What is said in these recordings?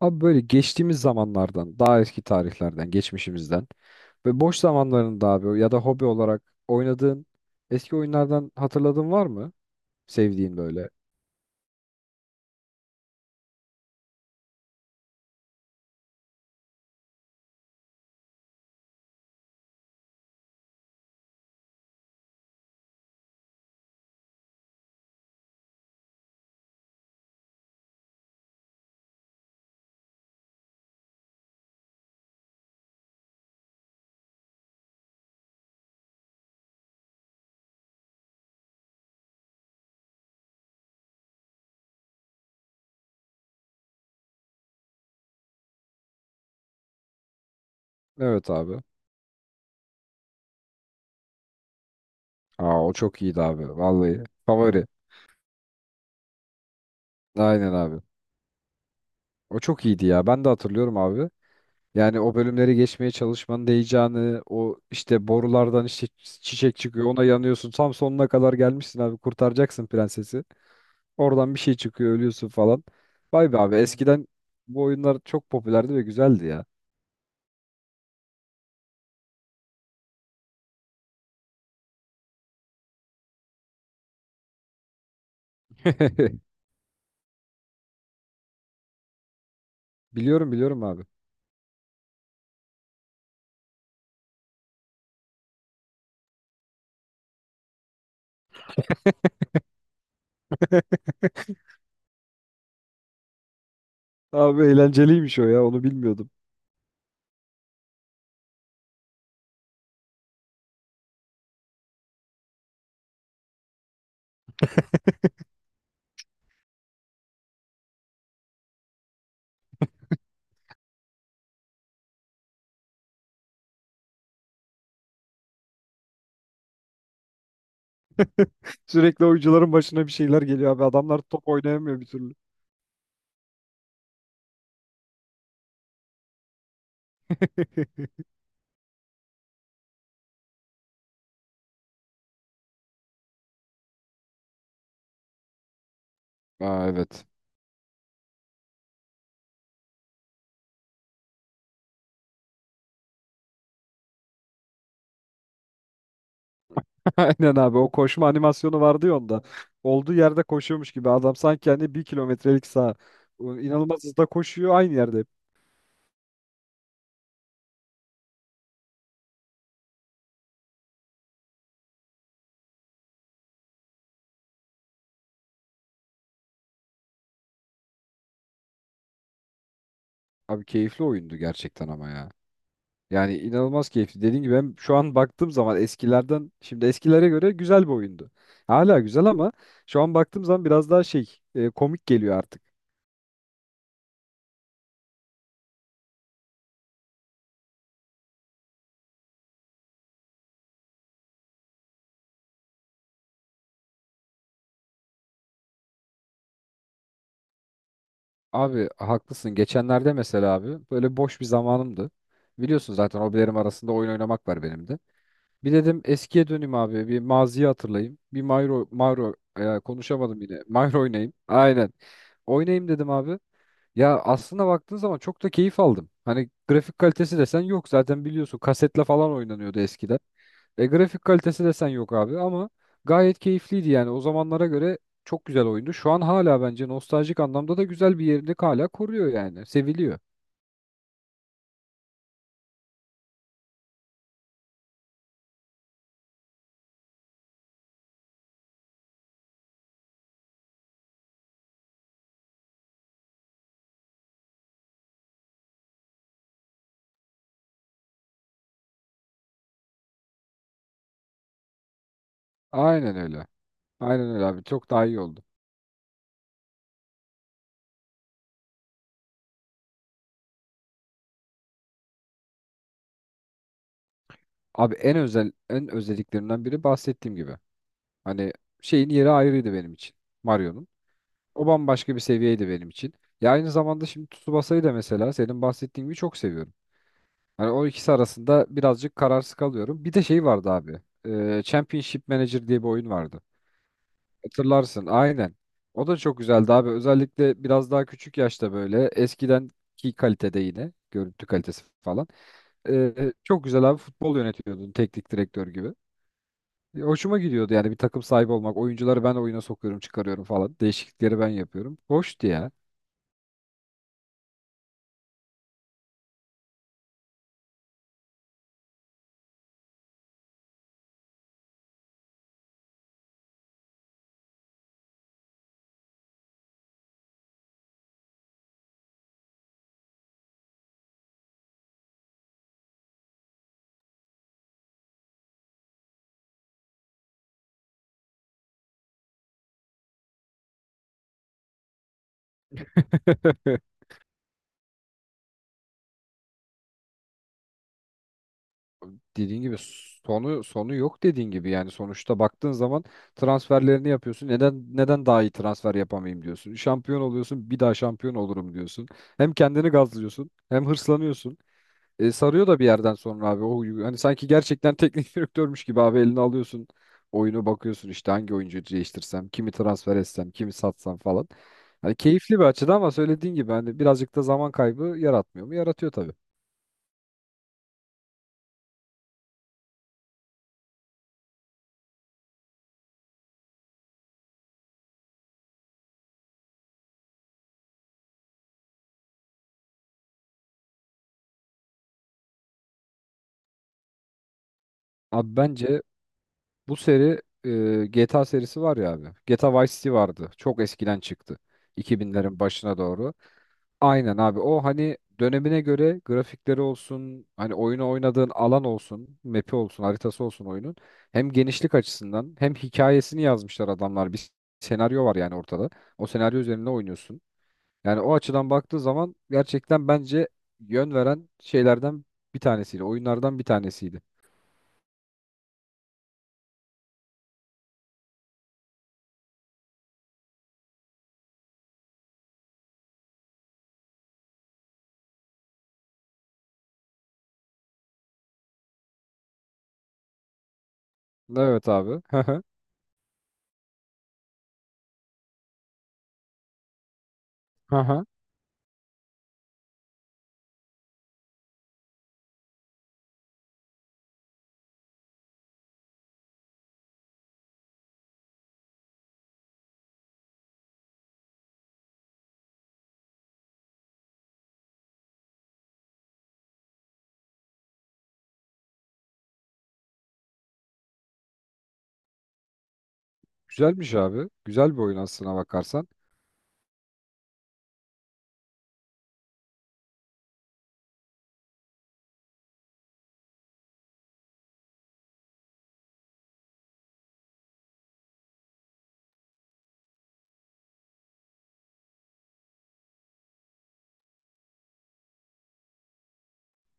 Abi böyle geçtiğimiz zamanlardan, daha eski tarihlerden, geçmişimizden ve boş zamanlarında abi ya da hobi olarak oynadığın eski oyunlardan hatırladığın var mı? Sevdiğin böyle. Evet abi. Aa o çok iyiydi abi. Vallahi favori. Aynen abi. O çok iyiydi ya. Ben de hatırlıyorum abi. Yani o bölümleri geçmeye çalışmanın heyecanı, o işte borulardan işte çiçek çıkıyor, ona yanıyorsun. Tam sonuna kadar gelmişsin abi. Kurtaracaksın prensesi. Oradan bir şey çıkıyor ölüyorsun falan. Vay be abi. Hmm. Eskiden bu oyunlar çok popülerdi ve güzeldi ya. Biliyorum biliyorum abi. Abi eğlenceliymiş o ya onu bilmiyordum. Sürekli oyuncuların başına bir şeyler geliyor abi. Adamlar top oynayamıyor bir türlü. Aa evet. Aynen abi o koşma animasyonu vardı ya onda. Olduğu yerde koşuyormuş gibi adam sanki hani bir kilometrelik saha. O İnanılmaz hızda koşuyor aynı yerde hep. Abi keyifli oyundu gerçekten ama ya. Yani inanılmaz keyifli. Dediğim gibi ben şu an baktığım zaman eskilerden şimdi eskilere göre güzel bir oyundu. Hala güzel ama şu an baktığım zaman biraz daha şey komik geliyor artık. Abi haklısın. Geçenlerde mesela abi böyle boş bir zamanımdı. Biliyorsun zaten hobilerim arasında oyun oynamak var benim de. Bir dedim eskiye döneyim abi. Bir maziyi hatırlayayım. Bir Mario, Mario konuşamadım yine. Mario oynayayım. Aynen. Oynayayım dedim abi. Ya aslına baktığın zaman çok da keyif aldım. Hani grafik kalitesi desen yok zaten biliyorsun kasetle falan oynanıyordu eskiden. E grafik kalitesi desen yok abi ama gayet keyifliydi yani o zamanlara göre çok güzel oyundu. Şu an hala bence nostaljik anlamda da güzel bir yerini hala koruyor yani. Seviliyor. Aynen öyle. Aynen öyle abi çok daha iyi oldu. Abi en özel en özelliklerinden biri bahsettiğim gibi. Hani şeyin yeri ayrıydı benim için. Mario'nun. O bambaşka bir seviyeydi benim için. Ya aynı zamanda şimdi Tsubasa'yı da mesela senin bahsettiğin gibi çok seviyorum. Hani o ikisi arasında birazcık kararsız kalıyorum. Bir de şey vardı abi. Championship Manager diye bir oyun vardı. Hatırlarsın aynen. O da çok güzeldi abi. Özellikle biraz daha küçük yaşta böyle eskidenki kalitede yine görüntü kalitesi falan. Çok güzel abi futbol yönetiyordun teknik direktör gibi. Hoşuma gidiyordu yani bir takım sahibi olmak. Oyuncuları ben oyuna sokuyorum, çıkarıyorum falan. Değişiklikleri ben yapıyorum. Hoştu ya. Dediğin gibi sonu yok dediğin gibi yani sonuçta baktığın zaman transferlerini yapıyorsun. Neden daha iyi transfer yapamayayım diyorsun. Şampiyon oluyorsun, bir daha şampiyon olurum diyorsun. Hem kendini gazlıyorsun, hem hırslanıyorsun. Sarıyor da bir yerden sonra abi o huyu. Hani sanki gerçekten teknik direktörmüş gibi abi elini alıyorsun. Oyunu bakıyorsun işte hangi oyuncuyu değiştirsem, kimi transfer etsem, kimi satsam falan. Hani keyifli bir açıdan ama söylediğin gibi hani birazcık da zaman kaybı yaratmıyor mu? Yaratıyor tabii. Abi bence bu seri GTA serisi var ya abi. GTA Vice City vardı. Çok eskiden çıktı. 2000'lerin başına doğru. Aynen abi. O hani dönemine göre grafikleri olsun, hani oyunu oynadığın alan olsun, map'i olsun, haritası olsun oyunun. Hem genişlik açısından hem hikayesini yazmışlar adamlar. Bir senaryo var yani ortada. O senaryo üzerine oynuyorsun. Yani o açıdan baktığı zaman gerçekten bence yön veren şeylerden bir tanesiydi. Oyunlardan bir tanesiydi. Evet abi. Hı hı. Hı hı. Güzelmiş abi. Güzel bir oyun aslına bakarsan.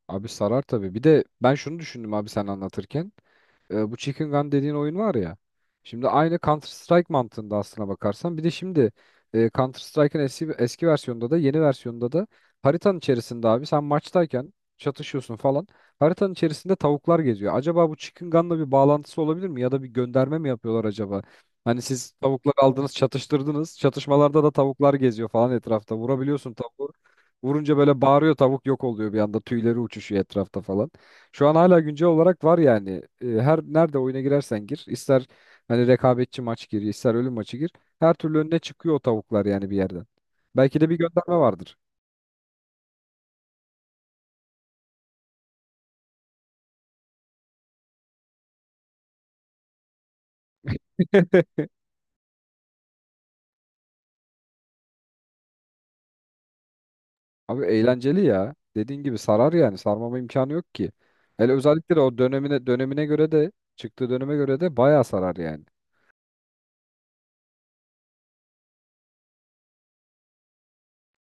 Abi sarar tabii. Bir de ben şunu düşündüm abi sen anlatırken. Bu Chicken Gun dediğin oyun var ya. Şimdi aynı Counter Strike mantığında aslına bakarsan. Bir de şimdi Counter Strike'ın eski, eski versiyonunda da yeni versiyonda da haritanın içerisinde abi sen maçtayken çatışıyorsun falan. Haritanın içerisinde tavuklar geziyor. Acaba bu Chicken Gun'la bir bağlantısı olabilir mi? Ya da bir gönderme mi yapıyorlar acaba? Hani siz tavukları aldınız, çatıştırdınız. Çatışmalarda da tavuklar geziyor falan etrafta. Vurabiliyorsun tavuğu. Vurunca böyle bağırıyor tavuk yok oluyor bir anda. Tüyleri uçuşuyor etrafta falan. Şu an hala güncel olarak var yani. Her nerede oyuna girersen gir, ister hani rekabetçi maç gir, ister ölüm maçı gir. Her türlü önüne çıkıyor o tavuklar yani bir yerden. Belki de bir gönderme vardır. Abi eğlenceli ya. Dediğin gibi sarar yani. Sarmama imkanı yok ki. Hele özellikle de o dönemine göre de çıktığı döneme göre de bayağı sarar yani.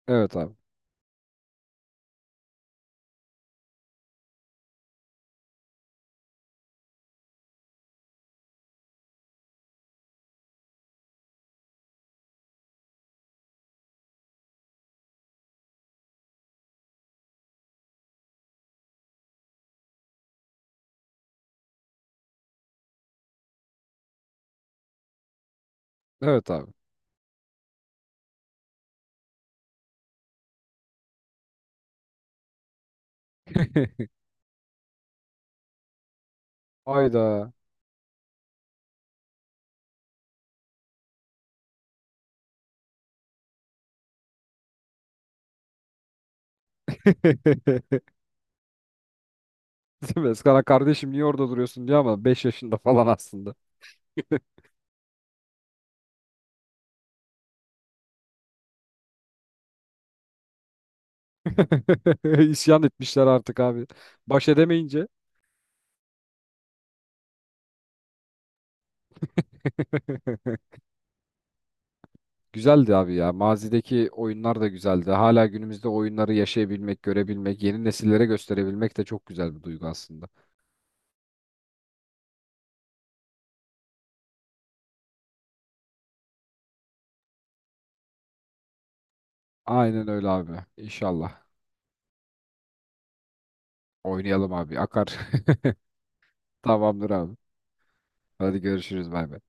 Evet abi. Evet abi. Hayda. Eskana kardeşim niye orada duruyorsun diye ama 5 yaşında falan aslında. İsyan etmişler artık abi. Baş edemeyince. Güzeldi abi ya. Mazideki oyunlar da güzeldi. Hala günümüzde oyunları yaşayabilmek, görebilmek, yeni nesillere gösterebilmek de çok güzel bir duygu aslında. Aynen öyle abi. İnşallah. Oynayalım abi. Akar. Tamamdır abi. Hadi görüşürüz. Bay bay.